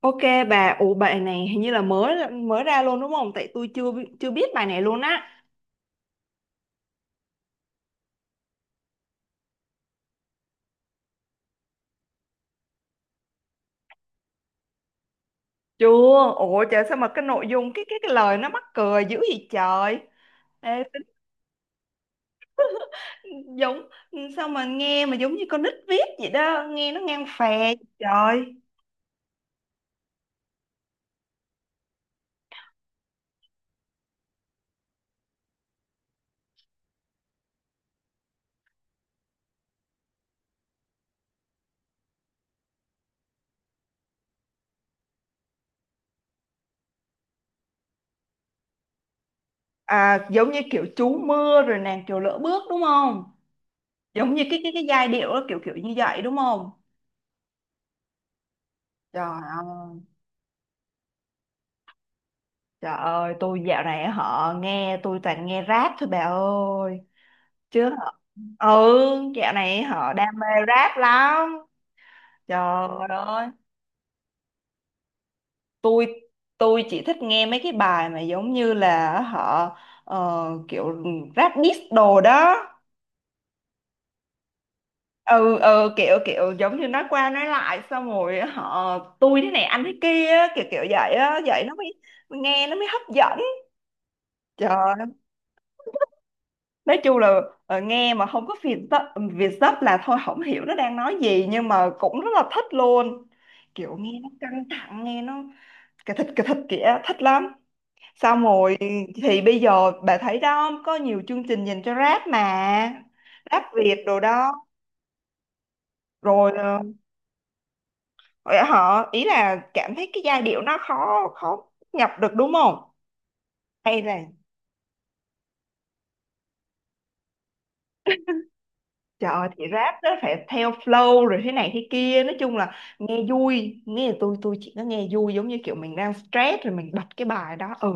Ok bà, ủa bài này hình như là mới mới ra luôn đúng không? Tại tôi chưa biết bài này luôn á. Chưa, ủa trời sao mà cái nội dung cái lời nó mắc cười dữ vậy trời. Ê, giống sao mà nghe mà giống như con nít viết vậy đó, nghe nó ngang phè trời. À giống như kiểu chú mưa rồi nàng kiều lỡ bước đúng không? Giống như cái giai điệu đó kiểu kiểu như vậy đúng không? Trời ơi, trời ơi, tôi dạo này họ nghe tôi toàn nghe rap thôi bà ơi. Chưa hả? Ừ, dạo này họ đam mê rap lắm. Trời ơi, tôi tôi chỉ thích nghe mấy cái bài mà giống như là họ ờ, kiểu rap diss đồ đó. Ừ ừ kiểu kiểu giống như nói qua nói lại xong rồi họ tôi thế này anh thế kia á, kiểu kiểu vậy á, vậy nó mới nghe nó mới hấp dẫn. Trời ơi, nói chung là nghe mà không có Việt dấp là thôi không hiểu nó đang nói gì nhưng mà cũng rất là thích luôn kiểu nghe nó căng thẳng nghe nó cái thịt kìa thích lắm xong rồi thì bây giờ bà thấy đó có nhiều chương trình dành cho rap mà rap Việt đồ đó rồi họ ý là cảm thấy cái giai điệu nó khó khó nhập được đúng không hay là. Trời ơi, thì rap nó phải theo flow rồi thế này thế kia, nói chung là nghe vui nghe tôi chỉ có nghe vui giống như kiểu mình đang stress rồi mình bật cái bài đó, ừ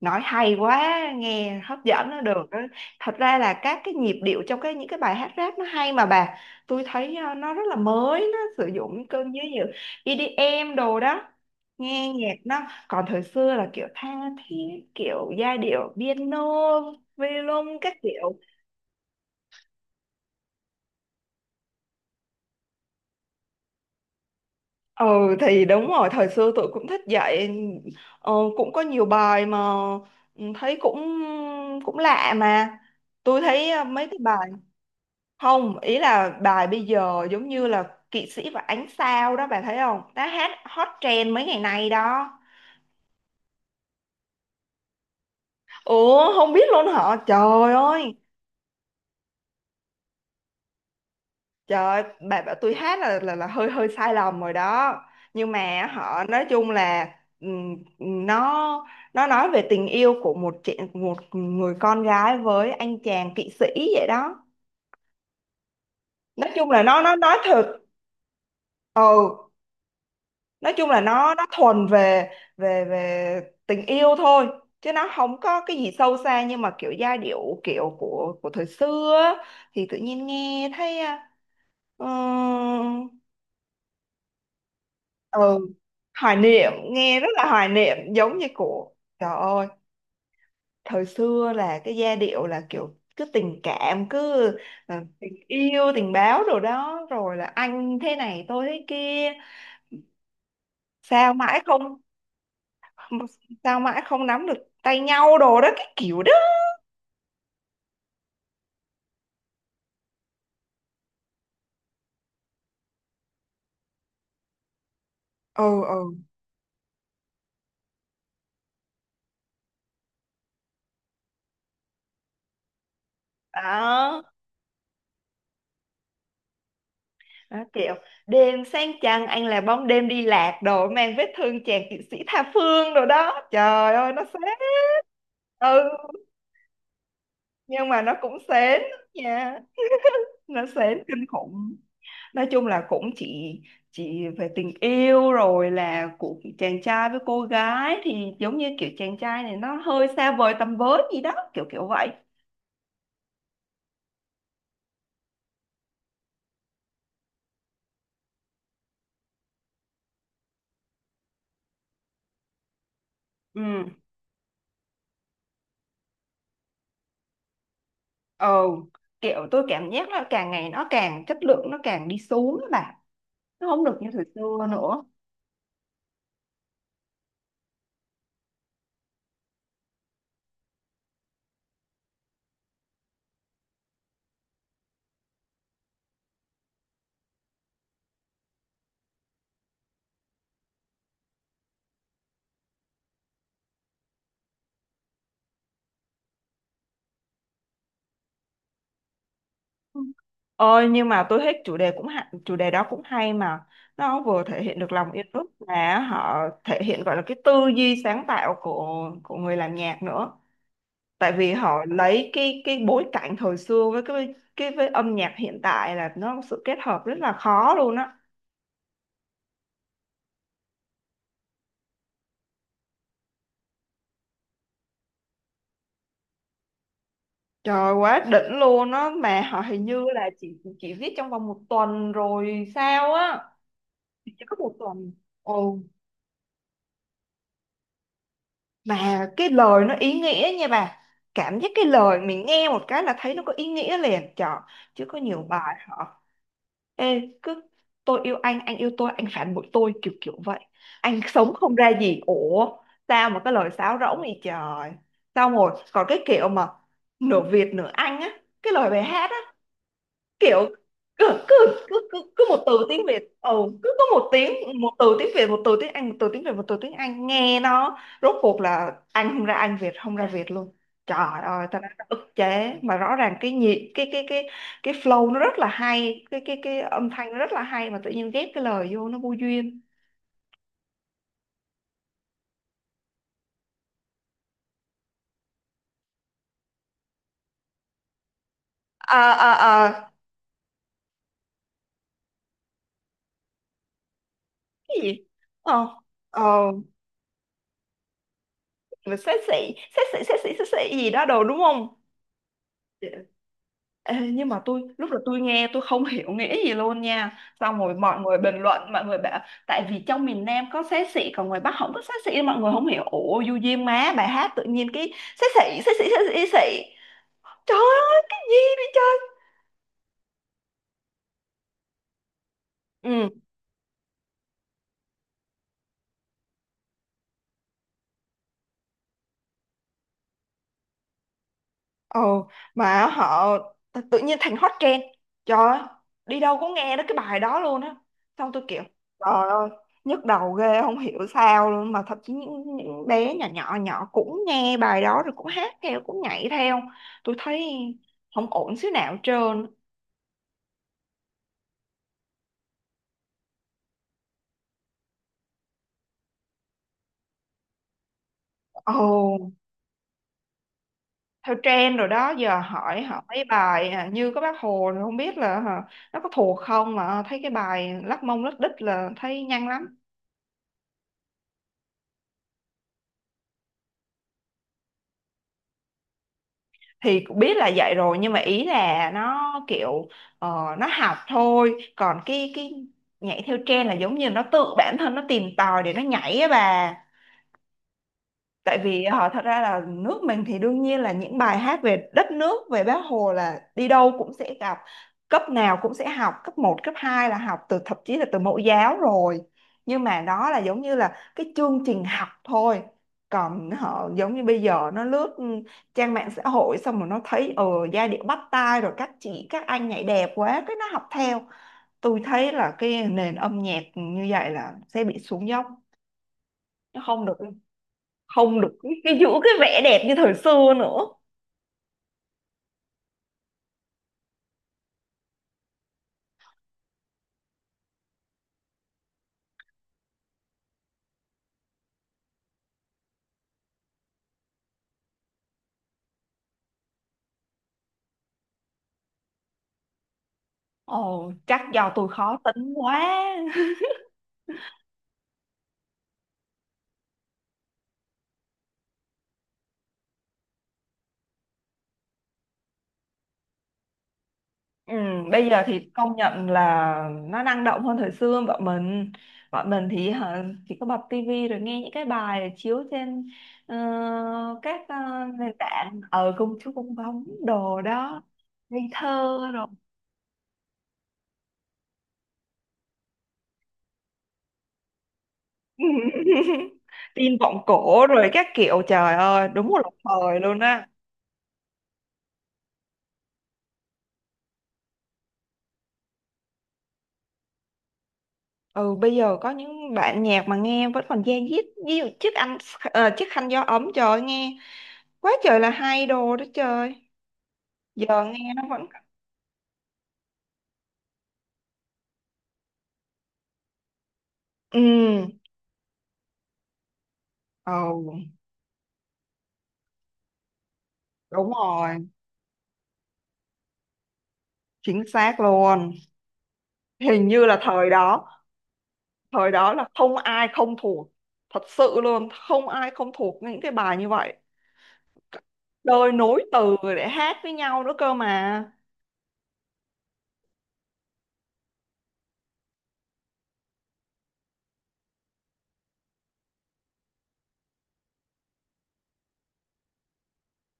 nói hay quá nghe hấp dẫn nó được đó. Thật ra là các cái nhịp điệu trong cái những cái bài hát rap nó hay mà bà, tôi thấy nó rất là mới nó sử dụng những cơn như như EDM đồ đó nghe nhạc nó còn thời xưa là kiểu tha thiết kiểu giai điệu piano violon các kiểu. Ừ thì đúng rồi, thời xưa tụi cũng thích vậy, ờ, cũng có nhiều bài mà, ừ, thấy cũng cũng lạ mà. Tôi thấy mấy cái bài không, ý là bài bây giờ giống như là Kỵ sĩ và ánh sao đó bà thấy không? Đã hát hot trend mấy ngày nay đó. Ủa không biết luôn hả? Trời ơi. Trời ơi, bà bảo tôi hát là hơi hơi sai lầm rồi đó. Nhưng mà họ nói chung là ừm, nó nó nói về tình yêu của một chị một người con gái với anh chàng kỵ sĩ vậy đó. Nói chung là nó nói thật. Ừ, nói chung là nó thuần về về về tình yêu thôi, chứ nó không có cái gì sâu xa nhưng mà kiểu giai điệu kiểu của thời xưa á, thì tự nhiên nghe thấy uh, ừ hoài niệm nghe rất là hoài niệm giống như của trời ơi thời xưa là cái giai điệu là kiểu cứ tình cảm cứ tình yêu tình báo rồi đó rồi là anh thế này tôi thế kia sao mãi không sao mãi không nắm được tay nhau đồ đó cái kiểu đó ừ ừ đó, đó kiểu đêm sáng trăng anh là bóng đêm đi lạc đồ mang vết thương chàng kỵ sĩ tha phương đồ đó trời ơi nó xé ừ nhưng mà nó cũng sến nha nó sến kinh khủng nói chung là cũng chỉ về tình yêu rồi là của chàng trai với cô gái thì giống như kiểu chàng trai này nó hơi xa vời tầm với gì đó kiểu kiểu vậy. Ừ ờ kiểu tôi cảm giác là càng ngày nó càng chất lượng nó càng đi xuống đó bà, nó không được như thời xưa nữa. Ôi nhưng mà tôi thích chủ đề cũng hay, chủ đề đó cũng hay mà nó vừa thể hiện được lòng yêu nước mà họ thể hiện gọi là cái tư duy sáng tạo của người làm nhạc nữa tại vì họ lấy cái bối cảnh thời xưa với cái với âm nhạc hiện tại là nó một sự kết hợp rất là khó luôn á trời quá đỉnh luôn á mà họ hình như là chỉ viết trong vòng một tuần rồi sao á chỉ có một tuần ừ. Mà cái lời nó ý nghĩa nha bà. Cảm giác cái lời mình nghe một cái là thấy nó có ý nghĩa liền trời. Chứ có nhiều bài họ, Ê cứ tôi yêu anh yêu tôi, anh phản bội tôi kiểu kiểu vậy. Anh sống không ra gì. Ủa sao mà cái lời sáo rỗng vậy trời. Xong rồi còn cái kiểu mà nửa Việt nửa Anh á. Cái lời bài hát á kiểu cứ cứ cứ cứ, cứ một từ tiếng Việt, ừ, cứ có một tiếng một từ tiếng Việt một từ tiếng Anh một từ tiếng Việt một từ tiếng Anh nghe nó rốt cuộc là Anh không ra Anh Việt không ra Việt luôn. Trời ơi tao đã ức chế mà rõ ràng cái nhị cái cái flow nó rất là hay cái âm thanh nó rất là hay mà tự nhiên ghép cái lời vô nó vô duyên. À, à, à, cái gì, ờ ờ mà xế xị xế xị xế xị gì đó đồ đúng không. Dạ. Ê, nhưng mà tôi lúc đó tôi nghe tôi không hiểu nghĩa gì luôn nha xong rồi mọi người bình luận mọi người bảo tại vì trong miền Nam có xế xị còn ngoài Bắc không có xế xị mọi người không hiểu ủa du duyên má bài hát tự nhiên cái xế xị xế xị xế xị xế xị trời ơi cái gì vậy trời ừ. Ồ, mà họ tự nhiên thành hot trend. Trời ơi, đi đâu cũng nghe đó cái bài đó luôn á. Xong tôi kiểu, trời ơi, nhức đầu ghê, không hiểu sao luôn. Mà thậm chí những bé nhỏ nhỏ nhỏ cũng nghe bài đó rồi cũng hát theo, cũng nhảy theo. Tôi thấy không ổn xíu nào hết trơn. Ồ, theo trend rồi đó, giờ hỏi hỏi mấy bài à, như các bác Hồ rồi không biết là hả, nó có thuộc không mà à, thấy cái bài lắc mông lắc đít là thấy nhanh lắm. Thì cũng biết là vậy rồi nhưng mà ý là nó kiểu nó học thôi còn cái nhảy theo trend là giống như nó tự bản thân nó tìm tòi để nó nhảy á bà tại vì họ thật ra là nước mình thì đương nhiên là những bài hát về đất nước về Bác Hồ là đi đâu cũng sẽ gặp cấp nào cũng sẽ học cấp một cấp 2 là học từ thậm chí là từ mẫu giáo rồi nhưng mà đó là giống như là cái chương trình học thôi còn họ giống như bây giờ nó lướt trang mạng xã hội xong rồi nó thấy giai điệu bắt tai rồi các chị các anh nhảy đẹp quá cái nó học theo tôi thấy là cái nền âm nhạc như vậy là sẽ bị xuống dốc nó không được không được cái giữ cái vẻ đẹp như thời xưa nữa. Ồ chắc do tôi khó tính quá ừ, bây giờ thì công nhận là nó năng động hơn thời xưa bọn mình thì hả, chỉ có bật tivi rồi nghe những cái bài chiếu trên ờ, các nền tảng ở công chúa công bóng đồ đó ngây thơ rồi tin vọng cổ rồi các kiểu trời ơi đúng một là thời luôn á. Ừ, bây giờ có những đoạn nhạc mà nghe vẫn còn da diết ví dụ chiếc anh chiếc khăn gió ấm trời ơi, nghe quá trời là hay đồ đó trời giờ nghe nó vẫn ừ ừ đúng rồi chính xác luôn hình như là thời đó là không ai không thuộc thật sự luôn không ai không thuộc những cái bài như vậy đời nối từ để hát với nhau nữa cơ mà.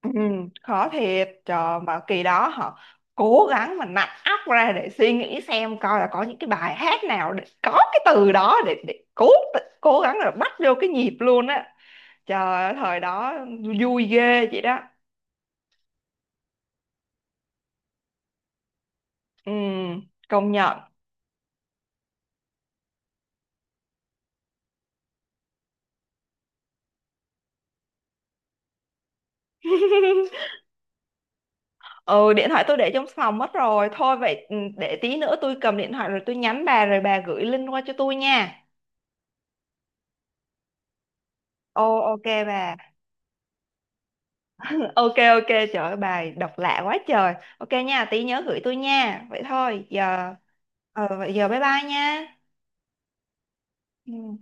Ừ, khó thiệt trời mà kỳ đó họ cố gắng mà nặn óc ra để suy nghĩ xem coi là có những cái bài hát nào để có cái từ đó để cố cố gắng là bắt vô cái nhịp luôn á trời ơi, thời đó vui ghê vậy đó ừ, công nhận. Ừ điện thoại tôi để trong phòng mất rồi thôi vậy ừ, để tí nữa tôi cầm điện thoại rồi tôi nhắn bà rồi bà gửi link qua cho tôi nha. Ồ ok bà. Ok ok trời ơi, bài đọc lạ quá trời ok nha tí nhớ gửi tôi nha vậy thôi giờ ờ vậy giờ bye bye nha. Ừ.